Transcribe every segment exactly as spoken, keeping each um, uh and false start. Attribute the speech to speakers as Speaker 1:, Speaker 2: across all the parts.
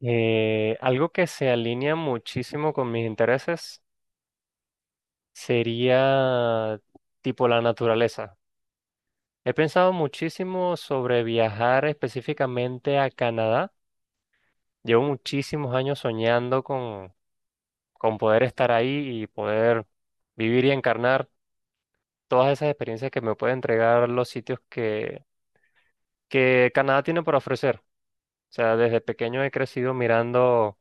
Speaker 1: Eh, algo que se alinea muchísimo con mis intereses sería tipo la naturaleza. He pensado muchísimo sobre viajar específicamente a Canadá. Llevo muchísimos años soñando con, con poder estar ahí y poder vivir y encarnar todas esas experiencias que me pueden entregar los sitios que, que Canadá tiene por ofrecer. O sea, desde pequeño he crecido mirando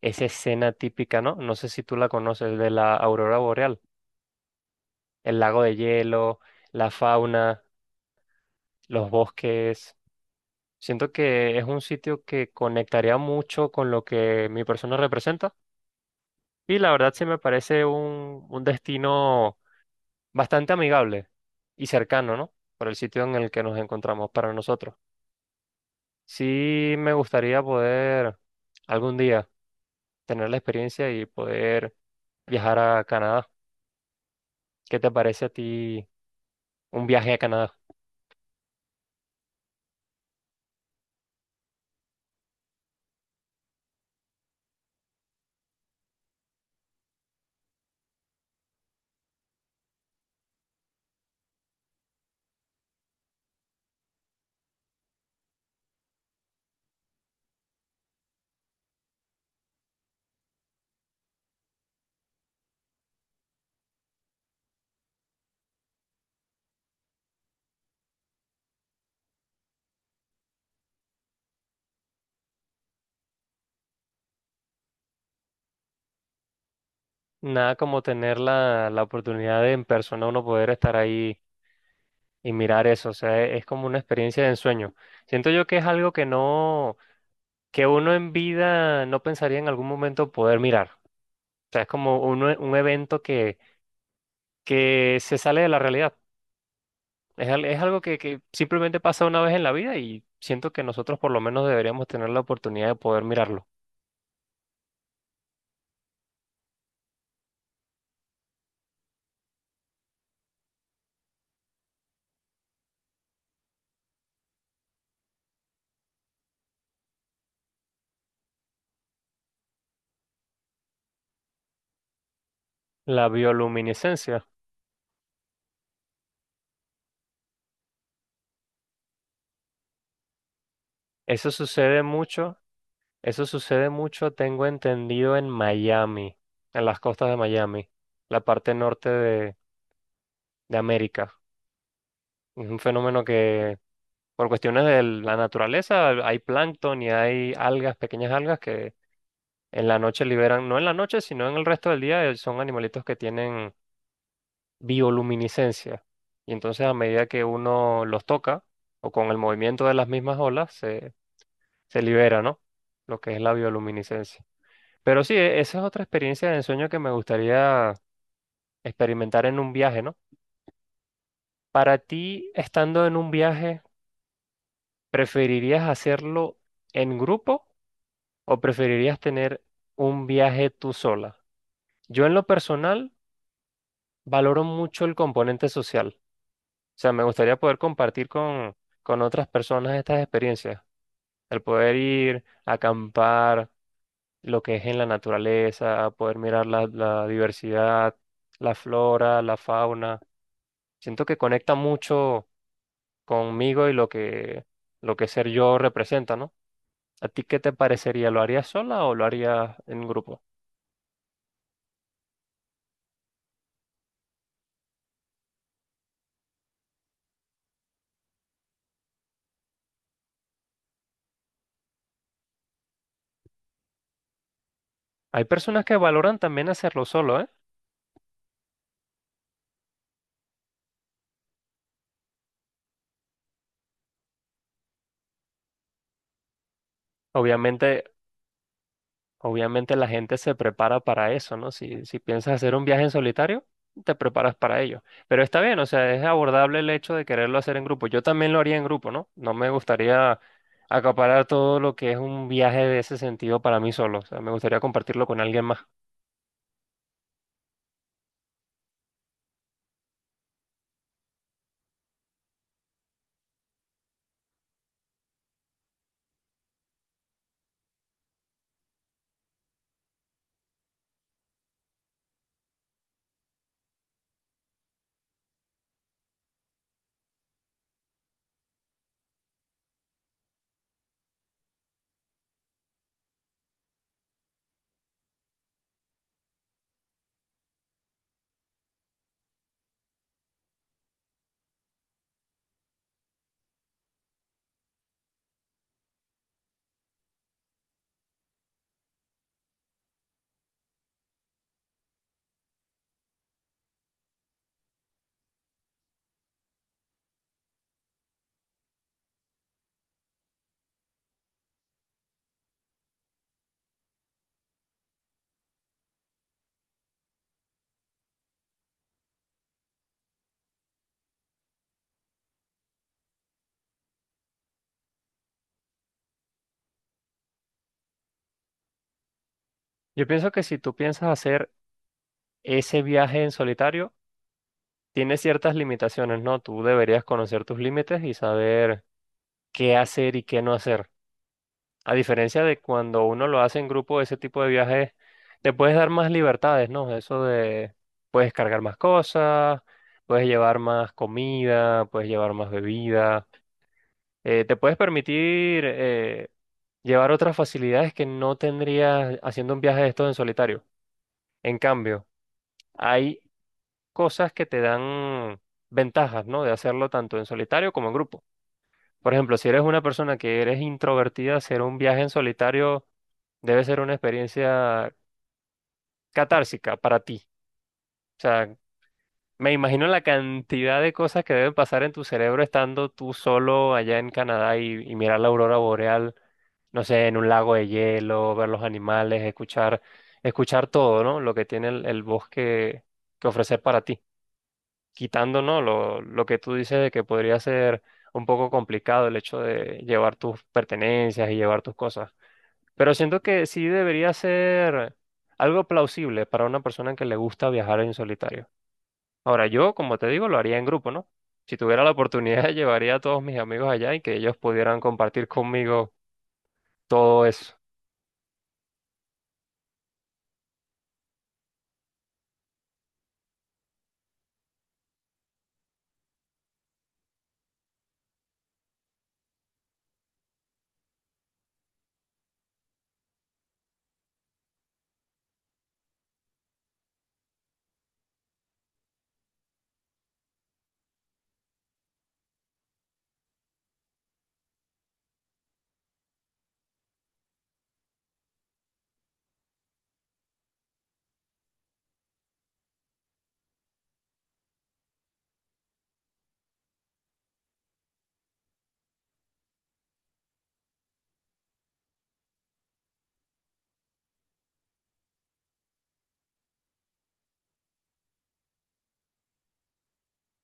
Speaker 1: esa escena típica, ¿no? No sé si tú la conoces de la aurora boreal. El lago de hielo, la fauna, los bosques. Siento que es un sitio que conectaría mucho con lo que mi persona representa y la verdad sí me parece un, un destino bastante amigable y cercano, ¿no? Por el sitio en el que nos encontramos para nosotros. Sí me gustaría poder algún día tener la experiencia y poder viajar a Canadá. ¿Qué te parece a ti un viaje a Canadá? Nada como tener la, la oportunidad de en persona uno poder estar ahí y mirar eso, o sea, e- es como una experiencia de ensueño. Siento yo que es algo que no, que uno en vida no pensaría en algún momento poder mirar. O sea, es como un, e- un evento que, que se sale de la realidad. Es, al- es algo que, que simplemente pasa una vez en la vida y siento que nosotros por lo menos deberíamos tener la oportunidad de poder mirarlo. La bioluminiscencia, eso sucede mucho eso sucede mucho, tengo entendido, en Miami, en las costas de Miami, la parte norte de, de América. Es un fenómeno que, por cuestiones de la naturaleza, hay plancton y hay algas, pequeñas algas que en la noche liberan, no en la noche, sino en el resto del día, eh, son animalitos que tienen bioluminiscencia. Y entonces a medida que uno los toca, o con el movimiento de las mismas olas, se, se libera, ¿no? Lo que es la bioluminiscencia. Pero sí, e- esa es otra experiencia de ensueño que me gustaría experimentar en un viaje, ¿no? Para ti, estando en un viaje, ¿preferirías hacerlo en grupo o preferirías tener un viaje tú sola? Yo en lo personal valoro mucho el componente social. O sea, me gustaría poder compartir con, con otras personas estas experiencias. El poder ir, acampar, lo que es en la naturaleza, poder mirar la la diversidad, la flora, la fauna. Siento que conecta mucho conmigo y lo que, lo que ser yo representa, ¿no? ¿A ti qué te parecería? ¿Lo harías sola o lo harías en grupo? Hay personas que valoran también hacerlo solo, ¿eh? Obviamente, obviamente la gente se prepara para eso, ¿no? Si, si piensas hacer un viaje en solitario, te preparas para ello. Pero está bien, o sea, es abordable el hecho de quererlo hacer en grupo. Yo también lo haría en grupo, ¿no? No me gustaría acaparar todo lo que es un viaje de ese sentido para mí solo. O sea, me gustaría compartirlo con alguien más. Yo pienso que si tú piensas hacer ese viaje en solitario, tienes ciertas limitaciones, ¿no? Tú deberías conocer tus límites y saber qué hacer y qué no hacer. A diferencia de cuando uno lo hace en grupo, ese tipo de viajes te puedes dar más libertades, ¿no? Eso de puedes cargar más cosas, puedes llevar más comida, puedes llevar más bebida, eh, te puedes permitir eh, llevar otras facilidades que no tendrías haciendo un viaje de estos en solitario. En cambio, hay cosas que te dan ventajas, ¿no? De hacerlo tanto en solitario como en grupo. Por ejemplo, si eres una persona que eres introvertida, hacer un viaje en solitario debe ser una experiencia catársica para ti. O sea, me imagino la cantidad de cosas que deben pasar en tu cerebro estando tú solo allá en Canadá y, y mirar la aurora boreal, no sé, en un lago de hielo, ver los animales, escuchar, escuchar todo, ¿no? Lo que tiene el, el bosque que ofrecer para ti. Quitando, ¿no? Lo, lo que tú dices de que podría ser un poco complicado el hecho de llevar tus pertenencias y llevar tus cosas. Pero siento que sí debería ser algo plausible para una persona que le gusta viajar en solitario. Ahora, yo, como te digo, lo haría en grupo, ¿no? Si tuviera la oportunidad, llevaría a todos mis amigos allá y que ellos pudieran compartir conmigo todo eso.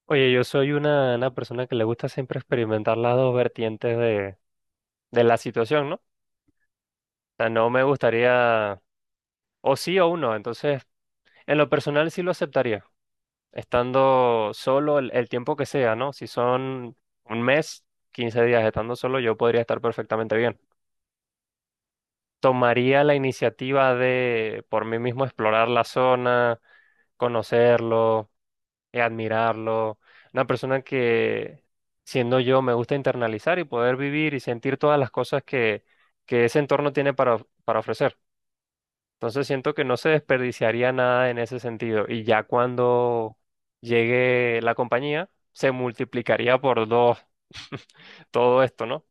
Speaker 1: Oye, yo soy una, una persona que le gusta siempre experimentar las dos vertientes de, de la situación, ¿no? O sea, no me gustaría o sí o uno. Entonces, en lo personal sí lo aceptaría, estando solo el, el tiempo que sea, ¿no? Si son un mes, quince días estando solo, yo podría estar perfectamente bien. Tomaría la iniciativa de por mí mismo explorar la zona, conocerlo, eh, admirarlo. Una persona que, siendo yo, me gusta internalizar y poder vivir y sentir todas las cosas que, que ese entorno tiene para, of- para ofrecer. Entonces siento que no se desperdiciaría nada en ese sentido. Y ya cuando llegue la compañía, se multiplicaría por dos todo esto, ¿no?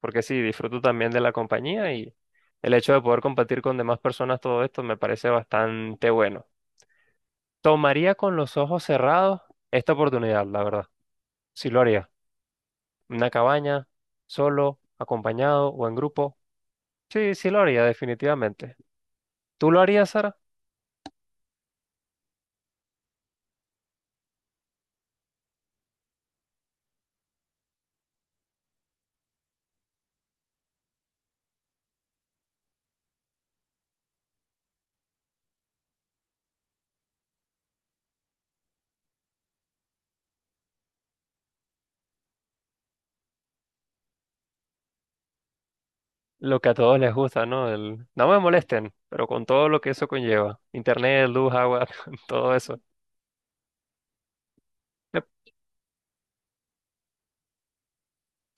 Speaker 1: Porque sí, disfruto también de la compañía y el hecho de poder compartir con demás personas todo esto me parece bastante bueno. Tomaría con los ojos cerrados esta oportunidad, la verdad. Sí lo haría. Una cabaña, solo, acompañado o en grupo. Sí, sí lo haría, definitivamente. ¿Tú lo harías, Sara? Lo que a todos les gusta, ¿no? El, no me molesten, pero con todo lo que eso conlleva. Internet, luz, agua, todo eso. Yep.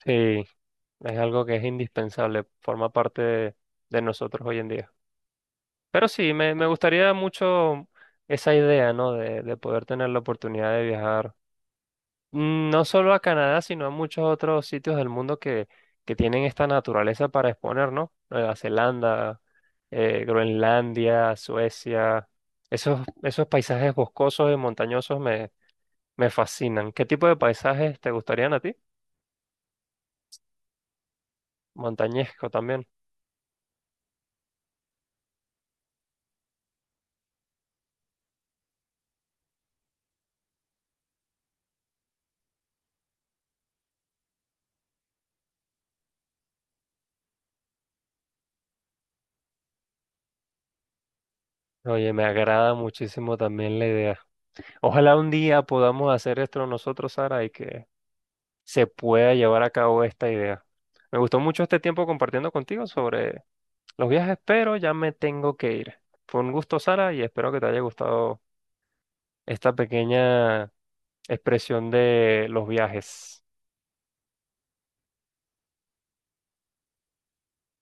Speaker 1: Sí, es algo que es indispensable, forma parte de, de nosotros hoy en día. Pero sí, me, me gustaría mucho esa idea, ¿no? De, de poder tener la oportunidad de viajar, Mm, no solo a Canadá, sino a muchos otros sitios del mundo que, que tienen esta naturaleza para exponer, ¿no? Nueva Zelanda, eh, Groenlandia, Suecia. Esos, esos paisajes boscosos y montañosos me, me fascinan. ¿Qué tipo de paisajes te gustarían a ti? Montañesco también. Oye, me agrada muchísimo también la idea. Ojalá un día podamos hacer esto nosotros, Sara, y que se pueda llevar a cabo esta idea. Me gustó mucho este tiempo compartiendo contigo sobre los días espero, ya me tengo que ir. Fue un gusto, Sara, y espero que te haya gustado esta pequeña expresión de los viajes.